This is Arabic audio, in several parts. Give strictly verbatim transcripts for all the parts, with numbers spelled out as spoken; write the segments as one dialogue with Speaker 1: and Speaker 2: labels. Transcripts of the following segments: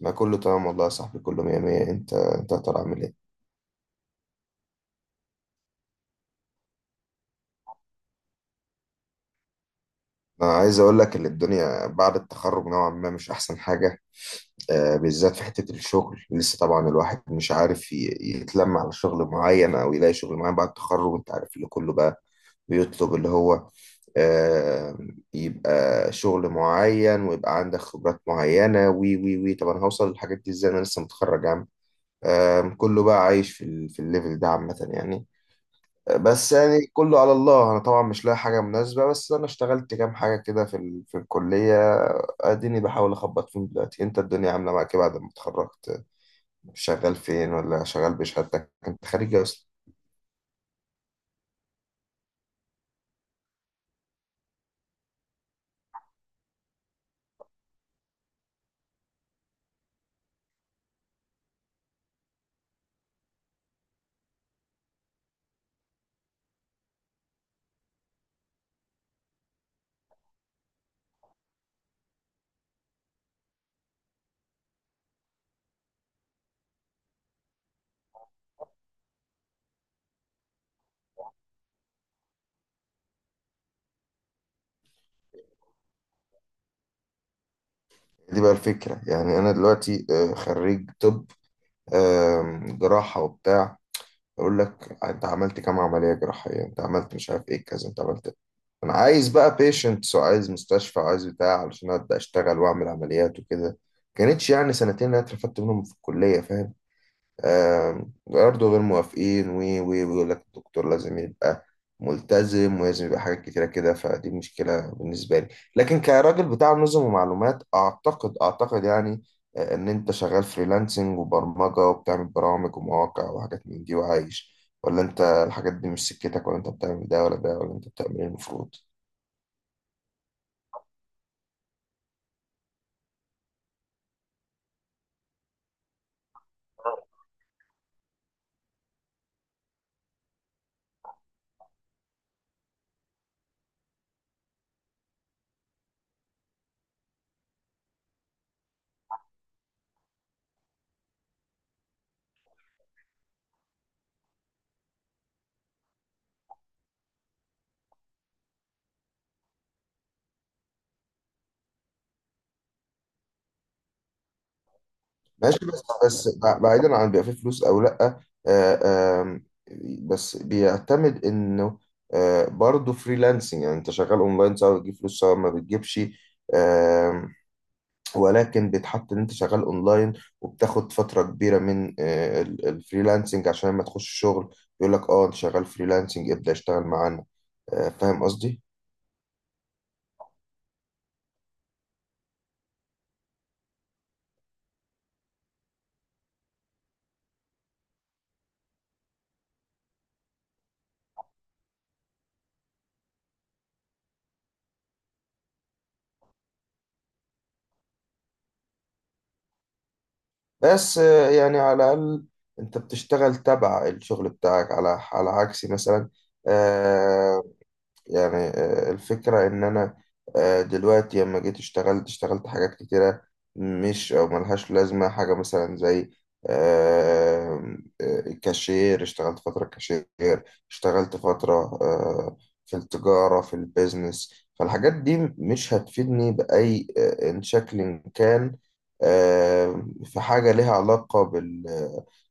Speaker 1: لا، كله تمام والله يا صاحبي، كله مية مية. انت انت يا ترى عامل ايه؟ انا عايز اقول لك ان الدنيا بعد التخرج نوعا ما مش احسن حاجة. آه، بالذات في حتة الشغل، لسه طبعا الواحد مش عارف ي- يتلم على شغل معين او يلاقي شغل معين بعد التخرج. انت عارف اللي كله بقى بيطلب اللي هو آه، يبقى شغل معين ويبقى عندك خبرات معينة. وي وي وي طب انا هوصل للحاجات دي ازاي؟ انا لسه متخرج يا عم. آه، كله بقى عايش في ال- في الليفل ده عامة يعني. بس يعني كله على الله. انا طبعا مش لاقي حاجه مناسبه، بس انا اشتغلت كام حاجه كده في ال... في الكليه. اديني بحاول اخبط فيهم دلوقتي. انت الدنيا عامله معاك إيه بعد ما اتخرجت؟ شغال فين؟ ولا شغال بشهادتك؟ انت خريج إيه اصلا؟ دي بقى الفكره يعني. انا دلوقتي آه، خريج طب، آم، جراحه وبتاع. يقول لك انت عملت كام عمليه جراحيه؟ انت عملت مش عارف ايه كذا؟ انت عملت انا عايز بقى بيشنتس، وعايز مستشفى، وعايز بتاع علشان ابدا اشتغل واعمل عمليات وكده. كانتش يعني سنتين اللي انا اترفدت منهم في الكليه، فاهم؟ آم، برضه غير موافقين، و و ويقول لك الدكتور لازم يبقى ملتزم، ولازم يبقى حاجات كتيرة كده. فدي مشكلة بالنسبة لي. لكن كراجل بتاع نظم ومعلومات، أعتقد أعتقد يعني آه، إن أنت شغال فريلانسنج وبرمجة، وبتعمل برامج ومواقع وحاجات من دي وعايش؟ ولا أنت الحاجات دي مش سكتك؟ ولا أنت بتعمل ده ولا ده؟ ولا أنت بتعمل إيه المفروض؟ ماشي، بس بس بعيدا عن بيبقى فيه فلوس او لا، آه، آم، بس بيعتمد انه آه، برضه فريلانسنج. يعني انت شغال اونلاين، سواء بتجيب فلوس سواء ما بتجيبش. آم، ولكن بيتحط ان انت شغال اونلاين وبتاخد فترة كبيرة من آه، ال- الفريلانسنج، عشان لما تخش شغل يقول لك اه انت شغال فريلانسنج، ابدأ اشتغل معانا. آه، فاهم قصدي؟ بس آه، يعني على الاقل انت بتشتغل تبع الشغل بتاعك، على على عكسي مثلا. آه، يعني آه، الفكرة إن أنا آه، دلوقتي لما جيت اشتغلت اشتغلت حاجات كتيرة مش أو ملهاش لازمة حاجة مثلا زي آه، آه، كاشير. اشتغلت فترة كاشير، اشتغلت فترة آه، في التجارة، في البيزنس. فالحاجات دي مش هتفيدني بأي آه، إن شكل كان آه، في حاجة ليها علاقة بال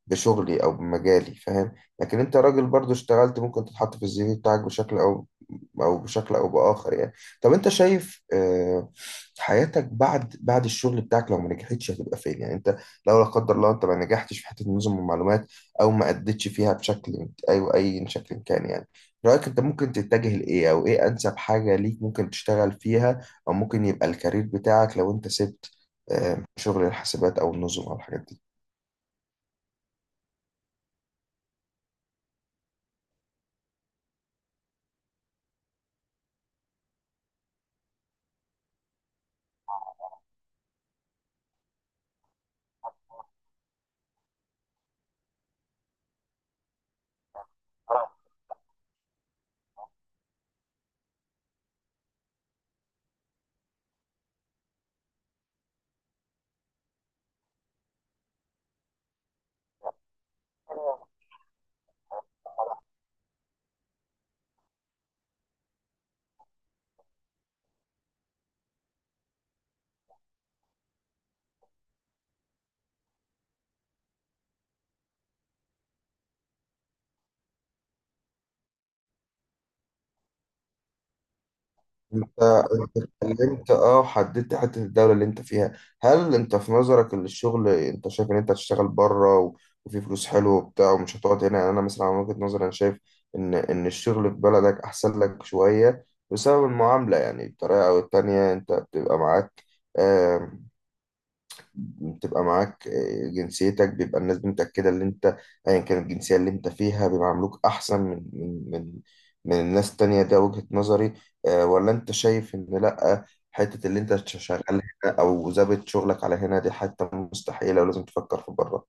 Speaker 1: بشغلي أو بمجالي، فاهم؟ لكن انت راجل برضو اشتغلت، ممكن تتحط في السي في بتاعك بشكل او او بشكل او باخر يعني. طب انت شايف آه، حياتك بعد بعد الشغل بتاعك، لو ما نجحتش هتبقى فين يعني؟ انت لو لا قدر الله انت ما نجحتش في حته نظم المعلومات او ما اديتش فيها بشكل او اي شكل كان، يعني رايك انت ممكن تتجه لايه؟ او ايه انسب حاجه ليك ممكن تشتغل فيها؟ او ممكن يبقى الكارير بتاعك لو انت سبت آه، شغل الحاسبات او النظم او الحاجات دي؟ انت انت اتكلمت اه وحددت حته الدوله اللي انت فيها. هل انت في نظرك ان الشغل، انت شايف ان انت هتشتغل بره، و... وفي فلوس حلوه وبتاع ومش هتقعد هنا؟ يعني انا مثلا من وجهه نظري انا شايف ان ان الشغل في بلدك احسن لك شويه، بسبب المعامله. يعني بطريقه او التانيه انت بتبقى معاك، بتبقى معاك آه، جنسيتك، بيبقى الناس متأكدة ان انت ايا كانت الجنسية اللي انت فيها بيعاملوك احسن من من من من الناس التانية. ده وجهة نظري. آه، ولا انت شايف ان لا، حتة اللي انت شغال هنا او ظابط شغلك على هنا دي حتة مستحيلة ولازم تفكر في بره؟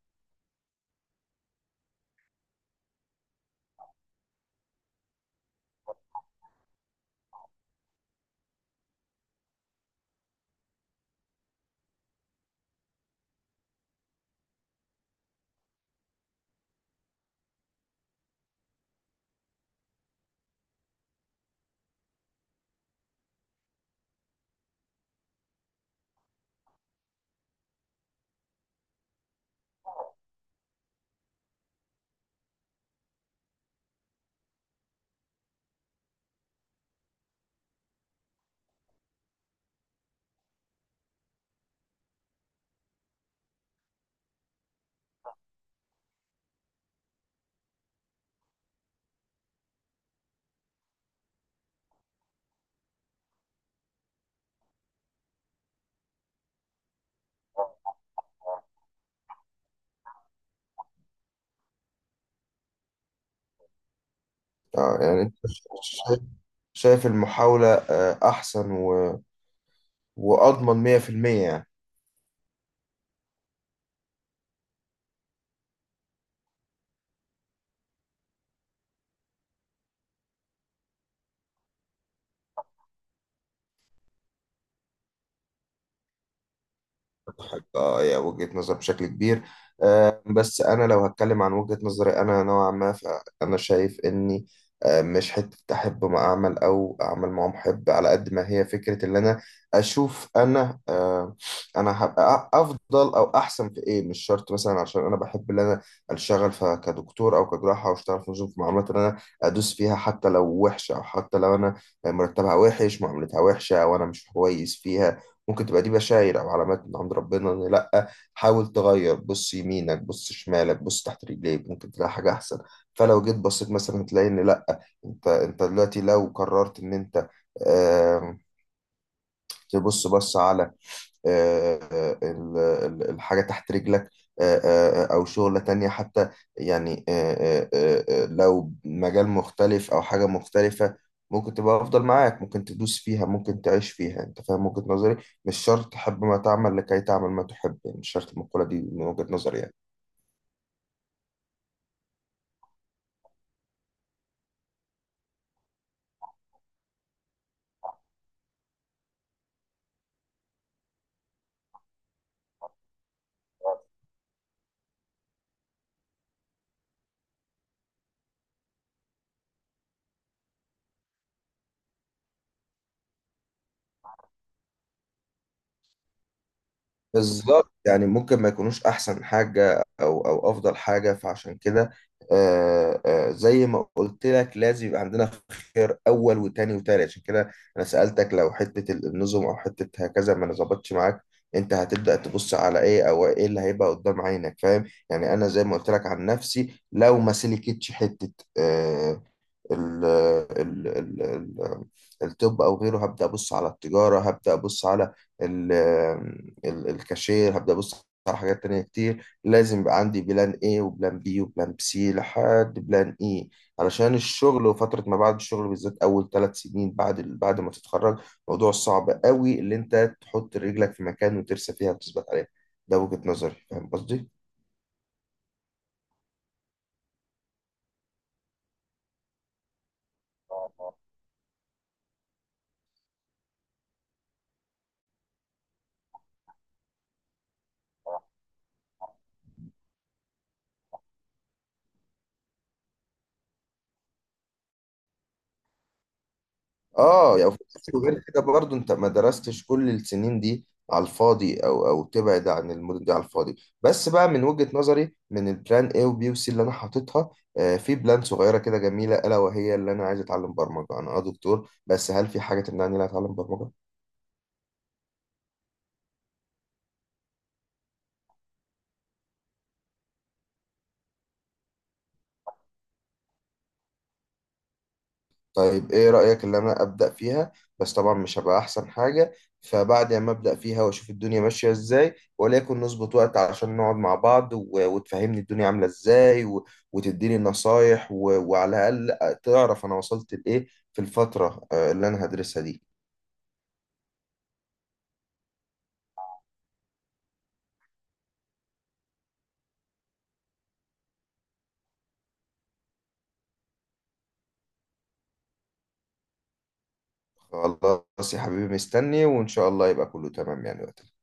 Speaker 1: آه، يعني انت شايف، شايف المحاولة آه، احسن و- واضمن مئة في المئة يعني؟ حاجة هي وجهة نظر بشكل كبير. آه، بس أنا لو هتكلم عن وجهة نظري أنا نوعا ما، فأنا شايف إني آه، مش حتة أحب ما أعمل أو أعمل ما محب، على قد ما هي فكرة اللي أنا أشوف أنا آه، أنا هبقى أفضل أو أحسن في إيه. مش شرط مثلا عشان أنا بحب اللي أنا أشتغل ف- كدكتور أو كجراحة أو أشتغل في نظم في معاملات اللي أنا أدوس فيها، حتى لو وحشة أو حتى لو أنا مرتبها وحش، معاملتها وحشة، وأنا مش كويس فيها. ممكن تبقى دي بشاير او علامات من عند ربنا ان لا، حاول تغير، بص يمينك، بص شمالك، بص تحت رجليك، ممكن تلاقي حاجه احسن. فلو جيت بصيت مثلا هتلاقي ان لا، انت انت دلوقتي لو قررت ان انت آم، تبص، بص على آه، آه، ال- ال- الحاجة تحت رجلك، آه، آه، آه، أو شغلة تانية حتى يعني، آه، آه، آه، آه، لو مجال مختلف أو حاجة مختلفة، ممكن تبقى أفضل معاك، ممكن تدوس فيها، ممكن تعيش فيها. أنت فاهم وجهة نظري؟ مش شرط تحب ما تعمل لكي تعمل ما تحب. يعني مش شرط المقولة دي من وجهة نظري يعني. بالظبط، يعني ممكن ما يكونوش احسن حاجه او او افضل حاجه، فعشان كده آه، آه، زي ما قلت لك لازم يبقى عندنا خير اول وتاني وتالت. عشان كده انا سالتك لو حته ال- النظم او حته هكذا ما ظبطتش معاك، انت هتبدا تبص على ايه؟ او ايه اللي هيبقى قدام عينك، فاهم؟ يعني انا زي ما قلت لك عن نفسي، لو ما سلكتش حته ال ال ال ال الطب او غيره، هبدا ابص على التجاره، هبدا ابص على ال ال الكاشير، هبدا ابص على حاجات تانية كتير. لازم يبقى عندي بلان A وبلان B وبلان C لحد بلان E، علشان الشغل وفترة ما بعد الشغل، بالذات أول ثلاث سنين بعد ال- بعد ما تتخرج، موضوع صعب قوي اللي أنت تحط رجلك في مكان وترسى فيها وتثبت عليها. ده وجهة نظري، فاهم قصدي؟ اه يعني، وغير كده برضو انت ما درستش كل السنين دي على الفاضي او او تبعد عن المدن دي على الفاضي. بس بقى من وجهة نظري، من البلان A وبي وسي اللي انا حاططها، آه، في بلان صغيرة كده جميلة الا وهي اللي انا عايز اتعلم برمجة. انا اه دكتور، بس هل في حاجة تمنعني ان انا اتعلم برمجة؟ طيب ايه رأيك اللي انا ابدأ فيها؟ بس طبعا مش هبقى احسن حاجة. فبعد ما ابدأ فيها واشوف الدنيا ماشية ازاي، وليكن نظبط وقت عشان نقعد مع بعض و- وتفهمني الدنيا عاملة ازاي و- وتديني نصايح و- وعلى الاقل تعرف انا وصلت لايه في الفترة آه، اللي انا هدرسها دي. خلاص يا حبيبي، مستني وان شاء الله يبقى كله تمام يعني وقتها.